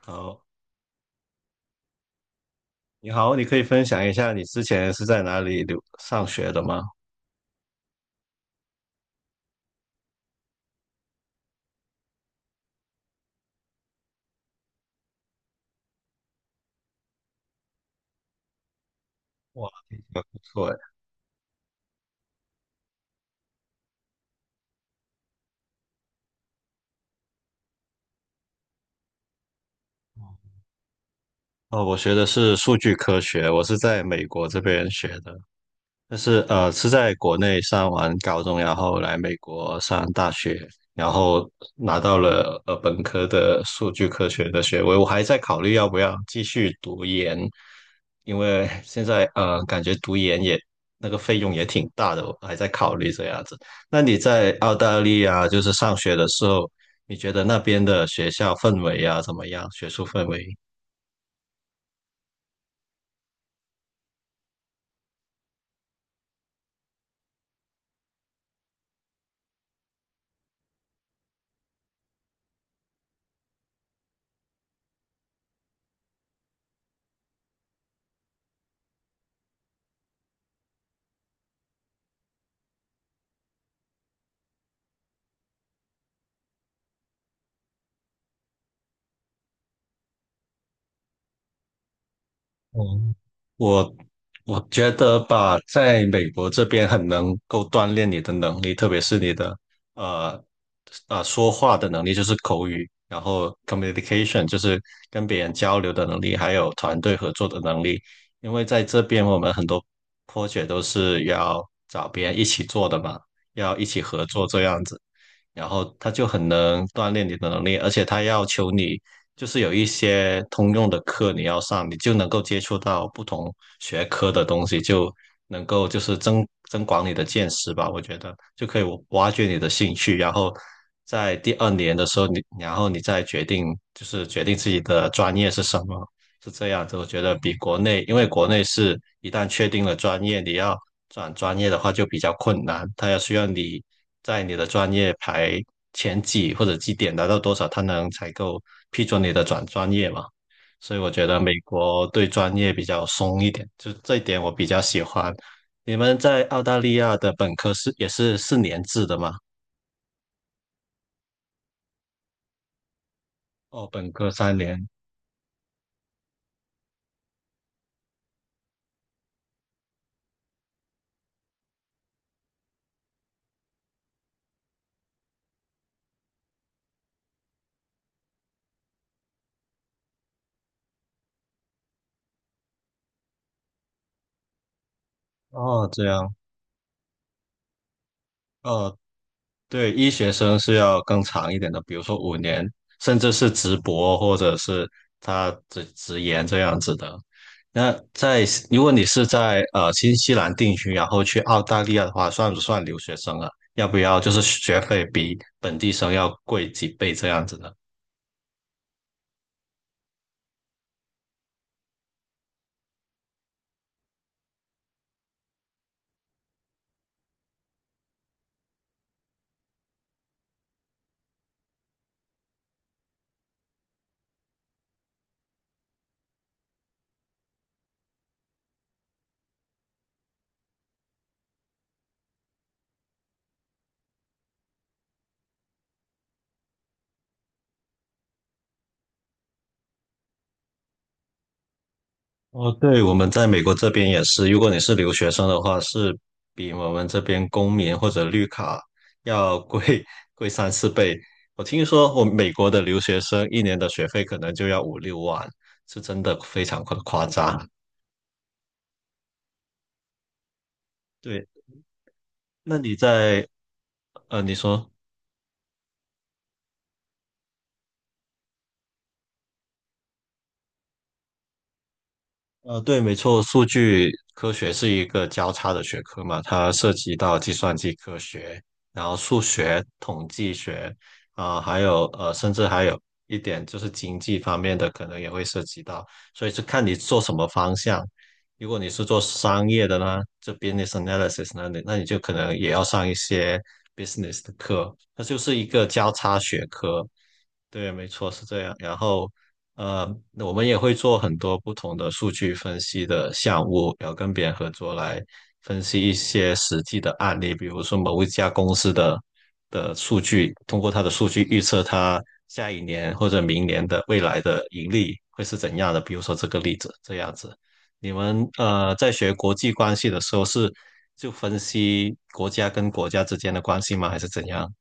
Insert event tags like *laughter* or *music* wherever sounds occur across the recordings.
好，你好，你可以分享一下你之前是在哪里留上学的吗？哇，听起来不错哎。哦，我学的是数据科学，我是在美国这边学的。但是是在国内上完高中，然后来美国上大学，然后拿到了本科的数据科学的学位。我还在考虑要不要继续读研，因为 *laughs* 现在感觉读研也那个费用也挺大的，我还在考虑这样子。那你在澳大利亚就是上学的时候，你觉得那边的学校氛围啊怎么样？学术氛围？哦，我我觉得吧，在美国这边很能够锻炼你的能力，特别是你的呃说话的能力，就是口语，然后 communication 就是跟别人交流的能力，还有团队合作的能力。因为在这边我们很多 project 都是要找别人一起做的嘛，要一起合作这样子。然后他就很能锻炼你的能力，而且他要求你就是有一些通用的课你要上，你就能够接触到不同学科的东西，就能够就是增广你的见识吧。我觉得就可以挖掘你的兴趣，然后在第二年的时候你，然后你再决定就是决定自己的专业是什么，是这样子。我觉得比国内，因为国内是一旦确定了专业，你要转专业的话就比较困难，它要需要你在你的专业排前几或者绩点达到多少，它能才够批准你的转专业嘛。所以我觉得美国对专业比较松一点，就这一点我比较喜欢。你们在澳大利亚的本科是也是四年制的吗？哦，本科三年。哦，这样。哦，对，医学生是要更长一点的，比如说五年，甚至是直博或者是他直研这样子的。那在如果你是在新西兰定居，然后去澳大利亚的话，算不算留学生啊？要不要就是学费比本地生要贵几倍这样子呢？哦，对，我们在美国这边也是，如果你是留学生的话，是比我们这边公民或者绿卡要贵 *laughs* 贵三四倍。我听说我美国的留学生一年的学费可能就要五六万，是真的非常夸张。对，那你在，呃，你说。对，没错，数据科学是一个交叉的学科嘛，它涉及到计算机科学，然后数学、统计学，啊、还有，甚至还有一点就是经济方面的，可能也会涉及到，所以是看你做什么方向。如果你是做商业的呢，这 business analysis 呢，你那你就可能也要上一些 business 的课，它就是一个交叉学科。对，没错，是这样。然后，那我们也会做很多不同的数据分析的项目，然后跟别人合作来分析一些实际的案例，比如说某一家公司的数据，通过它的数据预测它下一年或者明年的未来的盈利会是怎样的。比如说这个例子，这样子。你们在学国际关系的时候是就分析国家跟国家之间的关系吗？还是怎样？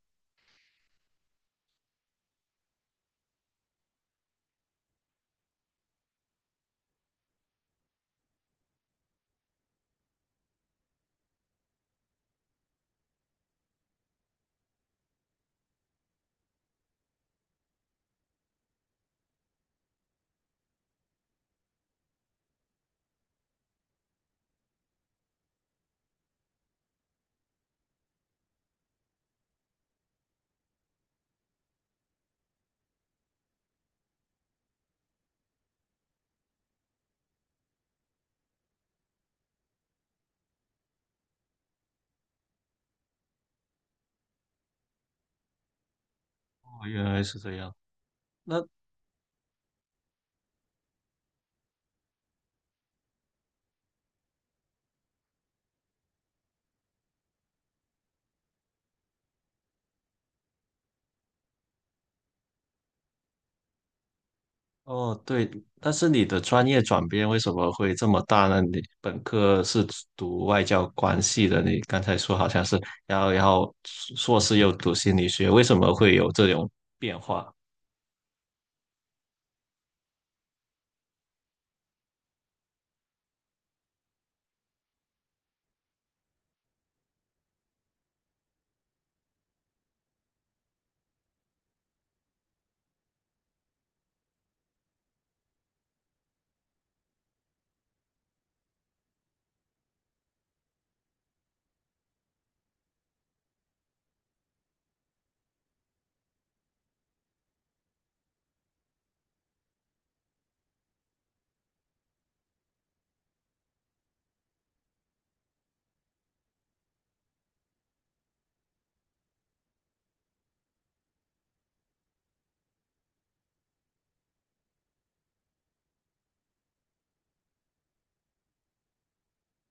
哦，原来是这样。那哦，对，但是你的专业转变为什么会这么大呢？你本科是读外交关系的，你刚才说好像是然后硕士又读心理学，为什么会有这种变化？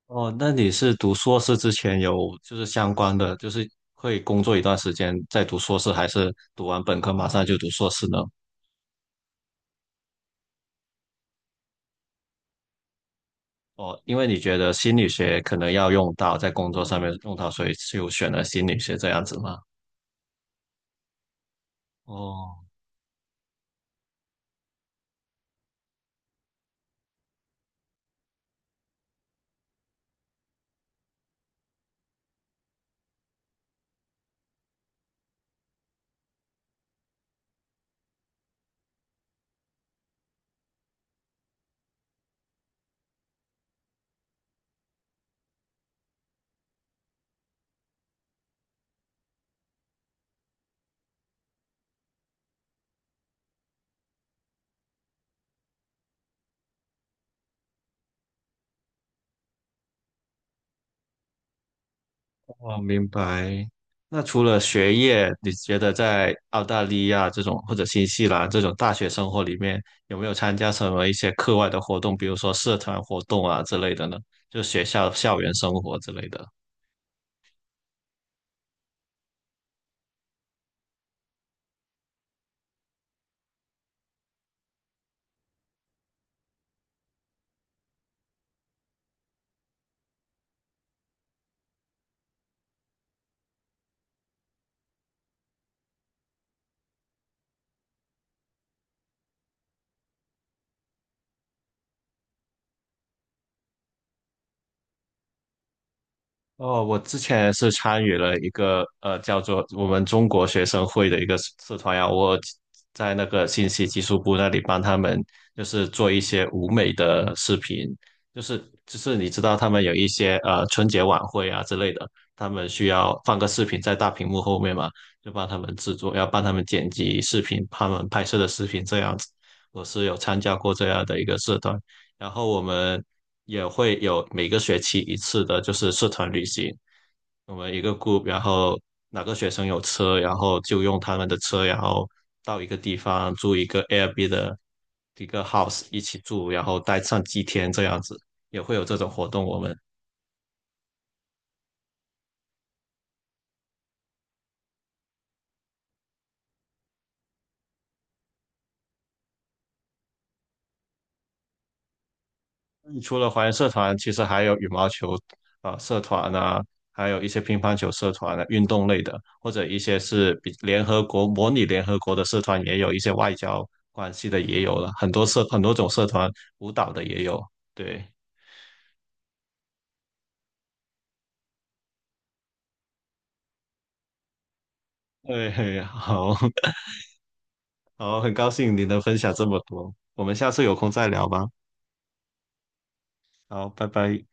哦，那你是读硕士之前有就是相关的，就是会工作一段时间再读硕士，还是读完本科马上就读硕士呢？哦，因为你觉得心理学可能要用到在工作上面用到，所以就选了心理学这样子吗？哦。哦，明白。那除了学业，你觉得在澳大利亚这种或者新西兰这种大学生活里面，有没有参加什么一些课外的活动，比如说社团活动啊之类的呢？就学校校园生活之类的。哦，我之前是参与了一个叫做我们中国学生会的一个社团呀，我在那个信息技术部那里帮他们就是做一些舞美的视频，就是就是你知道他们有一些春节晚会啊之类的，他们需要放个视频在大屏幕后面嘛，就帮他们制作，要帮他们剪辑视频，他们拍摄的视频这样子，我是有参加过这样的一个社团。然后我们也会有每个学期一次的，就是社团旅行。我们一个 group，然后有车，然后就用他们的车，然后到一个地方住一个 Airbnb 的一个 house 一起住，然后待上几天这样子，也会有这种活动。我们除了华人社团，其实还有羽毛球啊、社团啊，还有一些乒乓球社团啊，运动类的，或者一些是比联合国模拟联合国的社团也有，一些外交关系的也有了，很多种社团，舞蹈的也有。对，对，嘿好 *laughs* 好，很高兴你能分享这么多，我们下次有空再聊吧。好，拜拜。